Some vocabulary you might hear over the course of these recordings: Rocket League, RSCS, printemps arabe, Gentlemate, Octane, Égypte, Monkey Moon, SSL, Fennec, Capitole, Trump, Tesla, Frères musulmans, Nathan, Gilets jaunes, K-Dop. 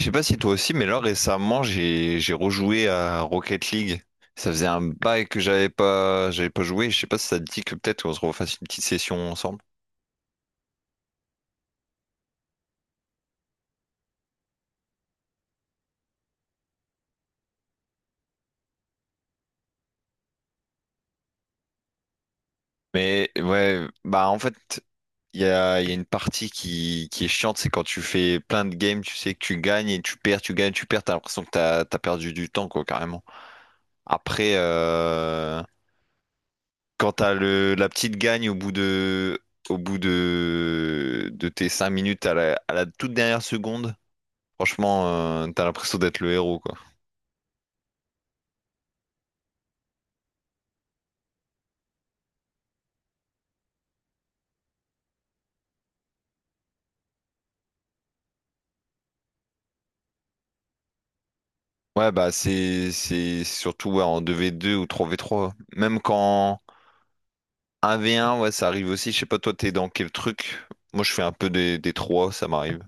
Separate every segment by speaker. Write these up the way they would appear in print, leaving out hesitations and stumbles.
Speaker 1: Je sais pas si toi aussi, mais là récemment j'ai rejoué à Rocket League. Ça faisait un bail que j'avais pas joué. Je sais pas si ça te dit que peut-être on se refasse une petite session ensemble. Mais ouais, bah en fait il y a une partie qui est chiante, c'est quand tu fais plein de games, tu sais que tu gagnes et tu perds, tu gagnes, tu perds, t'as l'impression que t'as perdu du temps quoi carrément. Après quand t'as le la petite gagne au bout de tes 5 minutes à la toute dernière seconde. Franchement, t'as l'impression d'être le héros, quoi. Ouais, bah c'est surtout ouais, en deux v deux ou trois v trois. Même quand un v un, ouais, ça arrive aussi. Je sais pas, toi, t'es dans quel truc? Moi, je fais un peu des 3, ça m'arrive.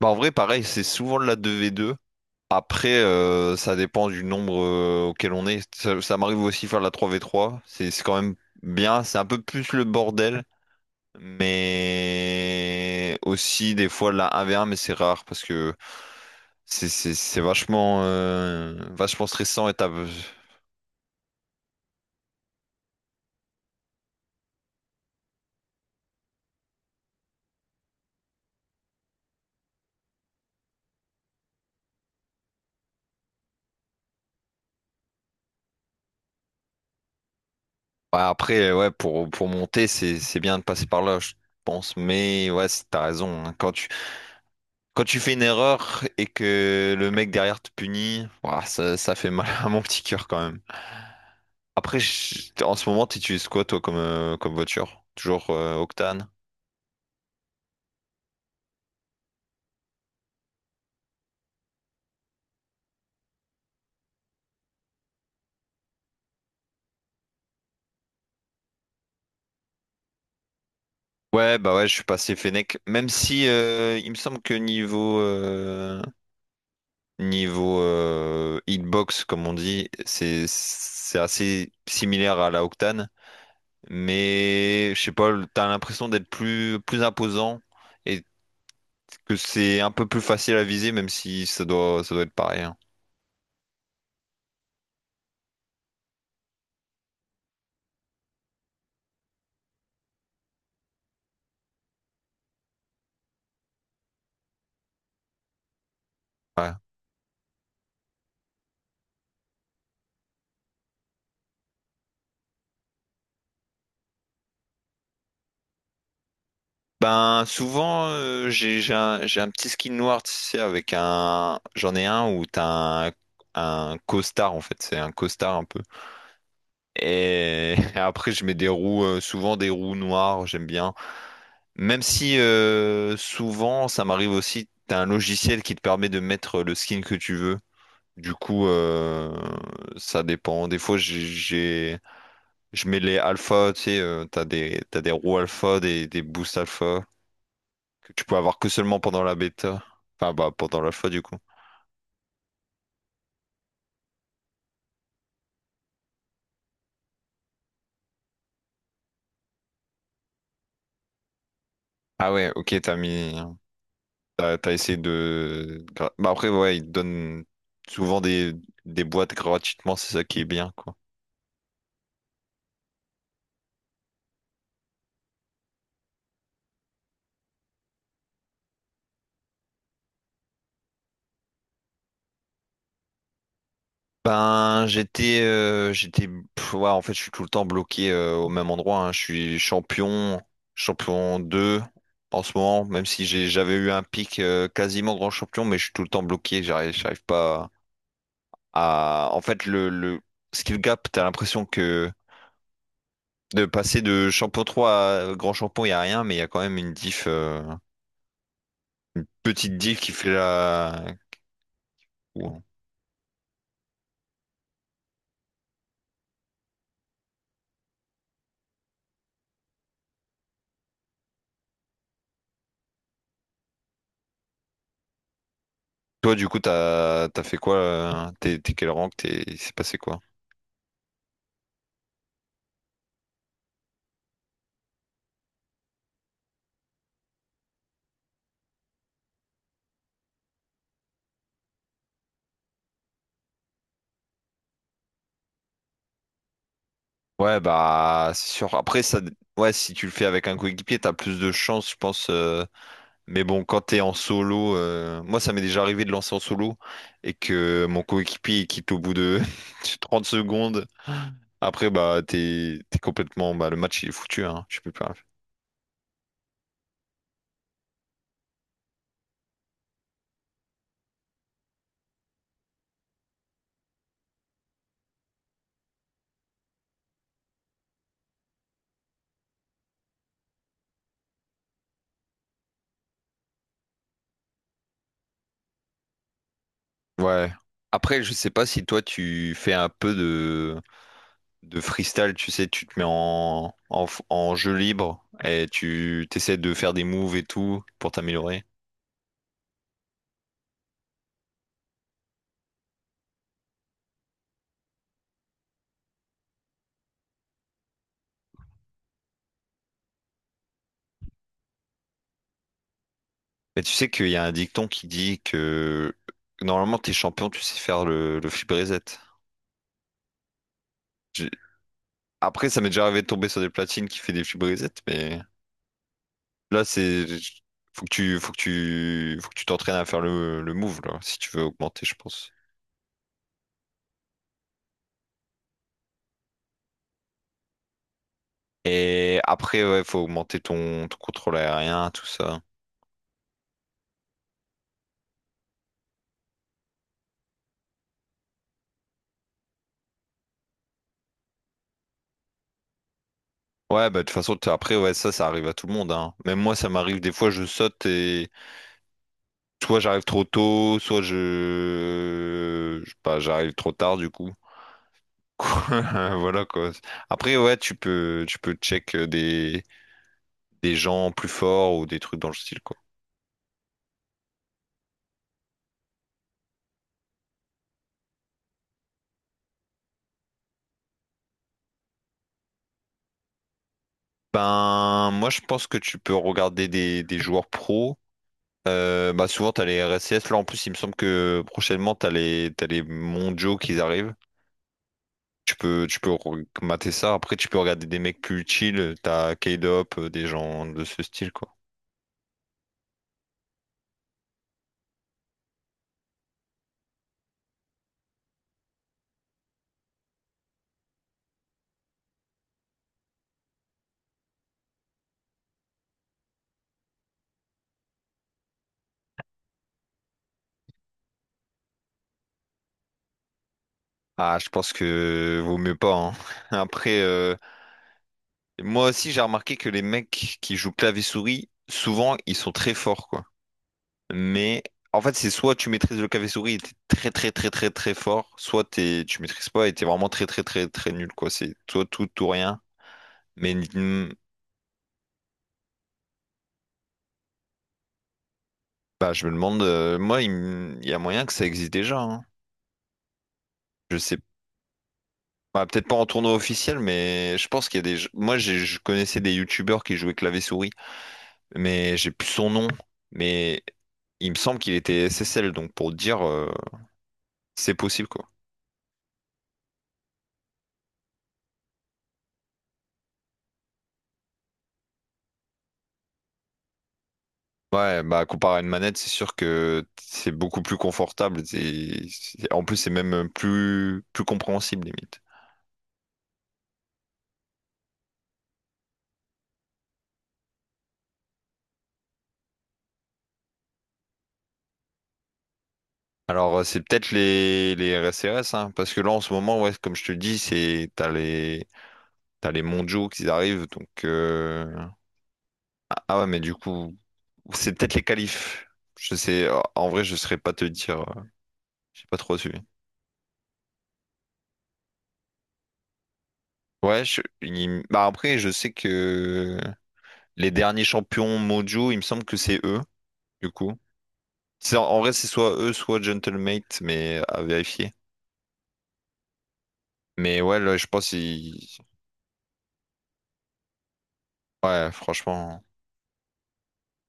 Speaker 1: Bah en vrai, pareil, c'est souvent de la deux v deux. Après, ça dépend du nombre auquel on est. Ça m'arrive aussi de faire de la trois v trois. C'est quand même bien. C'est un peu plus le bordel, mais aussi des fois la 1v1, mais c'est rare parce que c'est vachement, vachement stressant et ouais, après, ouais, pour monter, c'est bien de passer par là, je pense. Mais ouais, t'as raison, hein. Quand tu fais une erreur et que le mec derrière te punit, ouah, ça fait mal à mon petit cœur quand même. Après, en ce moment, t'utilises quoi, toi, comme, comme voiture? Toujours Octane? Ouais, bah ouais, je suis passé Fennec. Même si il me semble que niveau hitbox, comme on dit, c'est assez similaire à la Octane, mais je sais pas, t'as l'impression d'être plus imposant et que c'est un peu plus facile à viser, même si ça doit être pareil, hein. Ouais. Ben souvent j'ai un petit skin noir, tu sais, avec un j'en ai un où t'as un costard en fait, c'est un costard un peu. Et après, je mets des roues, souvent des roues noires, j'aime bien. Même si souvent, ça m'arrive aussi, t'as un logiciel qui te permet de mettre le skin que tu veux. Du coup, ça dépend. Des fois, je mets les alpha, tu sais, t'as des roues alpha, des boosts alpha, que tu peux avoir que seulement pendant la bêta. Enfin, bah, pendant l'alpha, du coup. Ah ouais, ok, t'as mis. T'as essayé de... bah après, ouais, ils te donnent souvent des boîtes gratuitement, c'est ça qui est bien, quoi. Ben, j'étais... pff, ouais, en fait, je suis tout le temps bloqué au même endroit, hein. Je suis champion, champion 2 en ce moment, même si j'avais eu un pic quasiment grand champion, mais je suis tout le temps bloqué. J'arrive pas à... En fait, le skill gap, t'as l'impression que de passer de champion 3 à grand champion, il n'y a rien, mais il y a quand même une une petite div qui fait la... Ou- toi, du coup, t'as fait quoi? T'es quel rank? T'es... Il s'est passé quoi? Ouais, bah, c'est sûr. Après, ça... ouais, si tu le fais avec un coéquipier, t'as plus de chance, je pense. Mais bon, quand t'es en solo... moi, ça m'est déjà arrivé de lancer en solo et que mon coéquipier il quitte au bout de 30 secondes. Après, bah, t'es complètement... bah, le match, il est foutu, hein. Je peux plus rien faire. Ouais. Après, je sais pas si toi, tu fais un peu de freestyle, tu sais, tu te mets en, en jeu libre et tu t'essaies de faire des moves et tout pour t'améliorer. Mais tu sais qu'il y a un dicton qui dit que normalement t'es champion, tu sais faire le flip reset. J'ai- Après, ça m'est déjà arrivé de tomber sur des platines qui fait des flip reset, mais là c'est faut que tu t'entraînes à faire le move là, si tu veux augmenter, je pense. Et après, ouais, faut augmenter ton contrôle aérien, tout ça. Ouais, bah, de toute façon, après, ouais, ça arrive à tout le monde, hein. Même moi, ça m'arrive des fois, je saute et soit j'arrive trop tôt, soit je sais pas, j'arrive trop tard, du coup. Voilà, quoi. Après, ouais, tu peux check des gens plus forts ou des trucs dans le style, quoi. Ben, moi, je pense que tu peux regarder des joueurs pros. Bah, souvent, t'as les RSCS. Là, en plus, il me semble que prochainement, t'as les mondiaux qui arrivent. Tu peux mater ça. Après, tu peux regarder des mecs plus chill. T'as K-Dop, des gens de ce style, quoi. Ah, je pense que vaut mieux pas, hein. Après, moi aussi, j'ai remarqué que les mecs qui jouent clavier-souris, souvent, ils sont très forts, quoi. Mais en fait, c'est soit tu maîtrises le clavier-souris et t'es très, très, très, très, très fort, soit t'es, tu maîtrises pas et t'es vraiment très, très, très, très nul, quoi. C'est soit tout, tout rien. Mais hmm, bah, je me demande, moi, il y a moyen que ça existe déjà, hein. Je sais bah, peut-être pas en tournoi officiel, mais je pense qu'il y a des. Moi, je connaissais des youtubeurs qui jouaient clavier-souris, mais j'ai plus son nom. Mais il me semble qu'il était SSL, donc pour te dire, c'est possible quoi. Ouais, bah comparé à une manette, c'est sûr que c'est beaucoup plus confortable. En plus, c'est même plus compréhensible limite. Alors, c'est peut-être les RSRS, hein, parce que là en ce moment, ouais, comme je te dis, c'est t'as les mondiaux qui arrivent, donc ah ouais, mais du coup. C'est peut-être les qualifs. Je sais, en vrai, je saurais pas te dire. Euh, j'ai pas trop suivi. Ouais, bah après, je sais que les derniers champions mondiaux, il me semble que c'est eux, du coup. C'est, en vrai, c'est soit eux, soit Gentlemate, mais à vérifier. Mais ouais, là, je pense, il... ouais, franchement,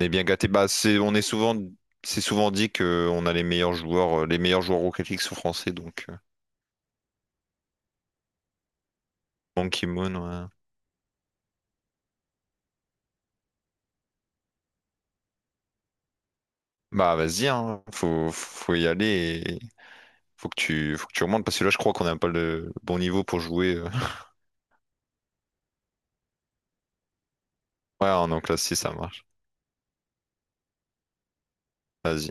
Speaker 1: on est bien gâtés. Bah, c'est, c'est souvent dit que on a les meilleurs joueurs Rocket League sont français, donc Monkey Moon, ouais. Bah, vas-y, hein, faut y aller. Faut que tu remontes parce que là, je crois qu'on n'a pas le bon niveau pour jouer, euh. Ouais, en classe si ça marche. Vas-y.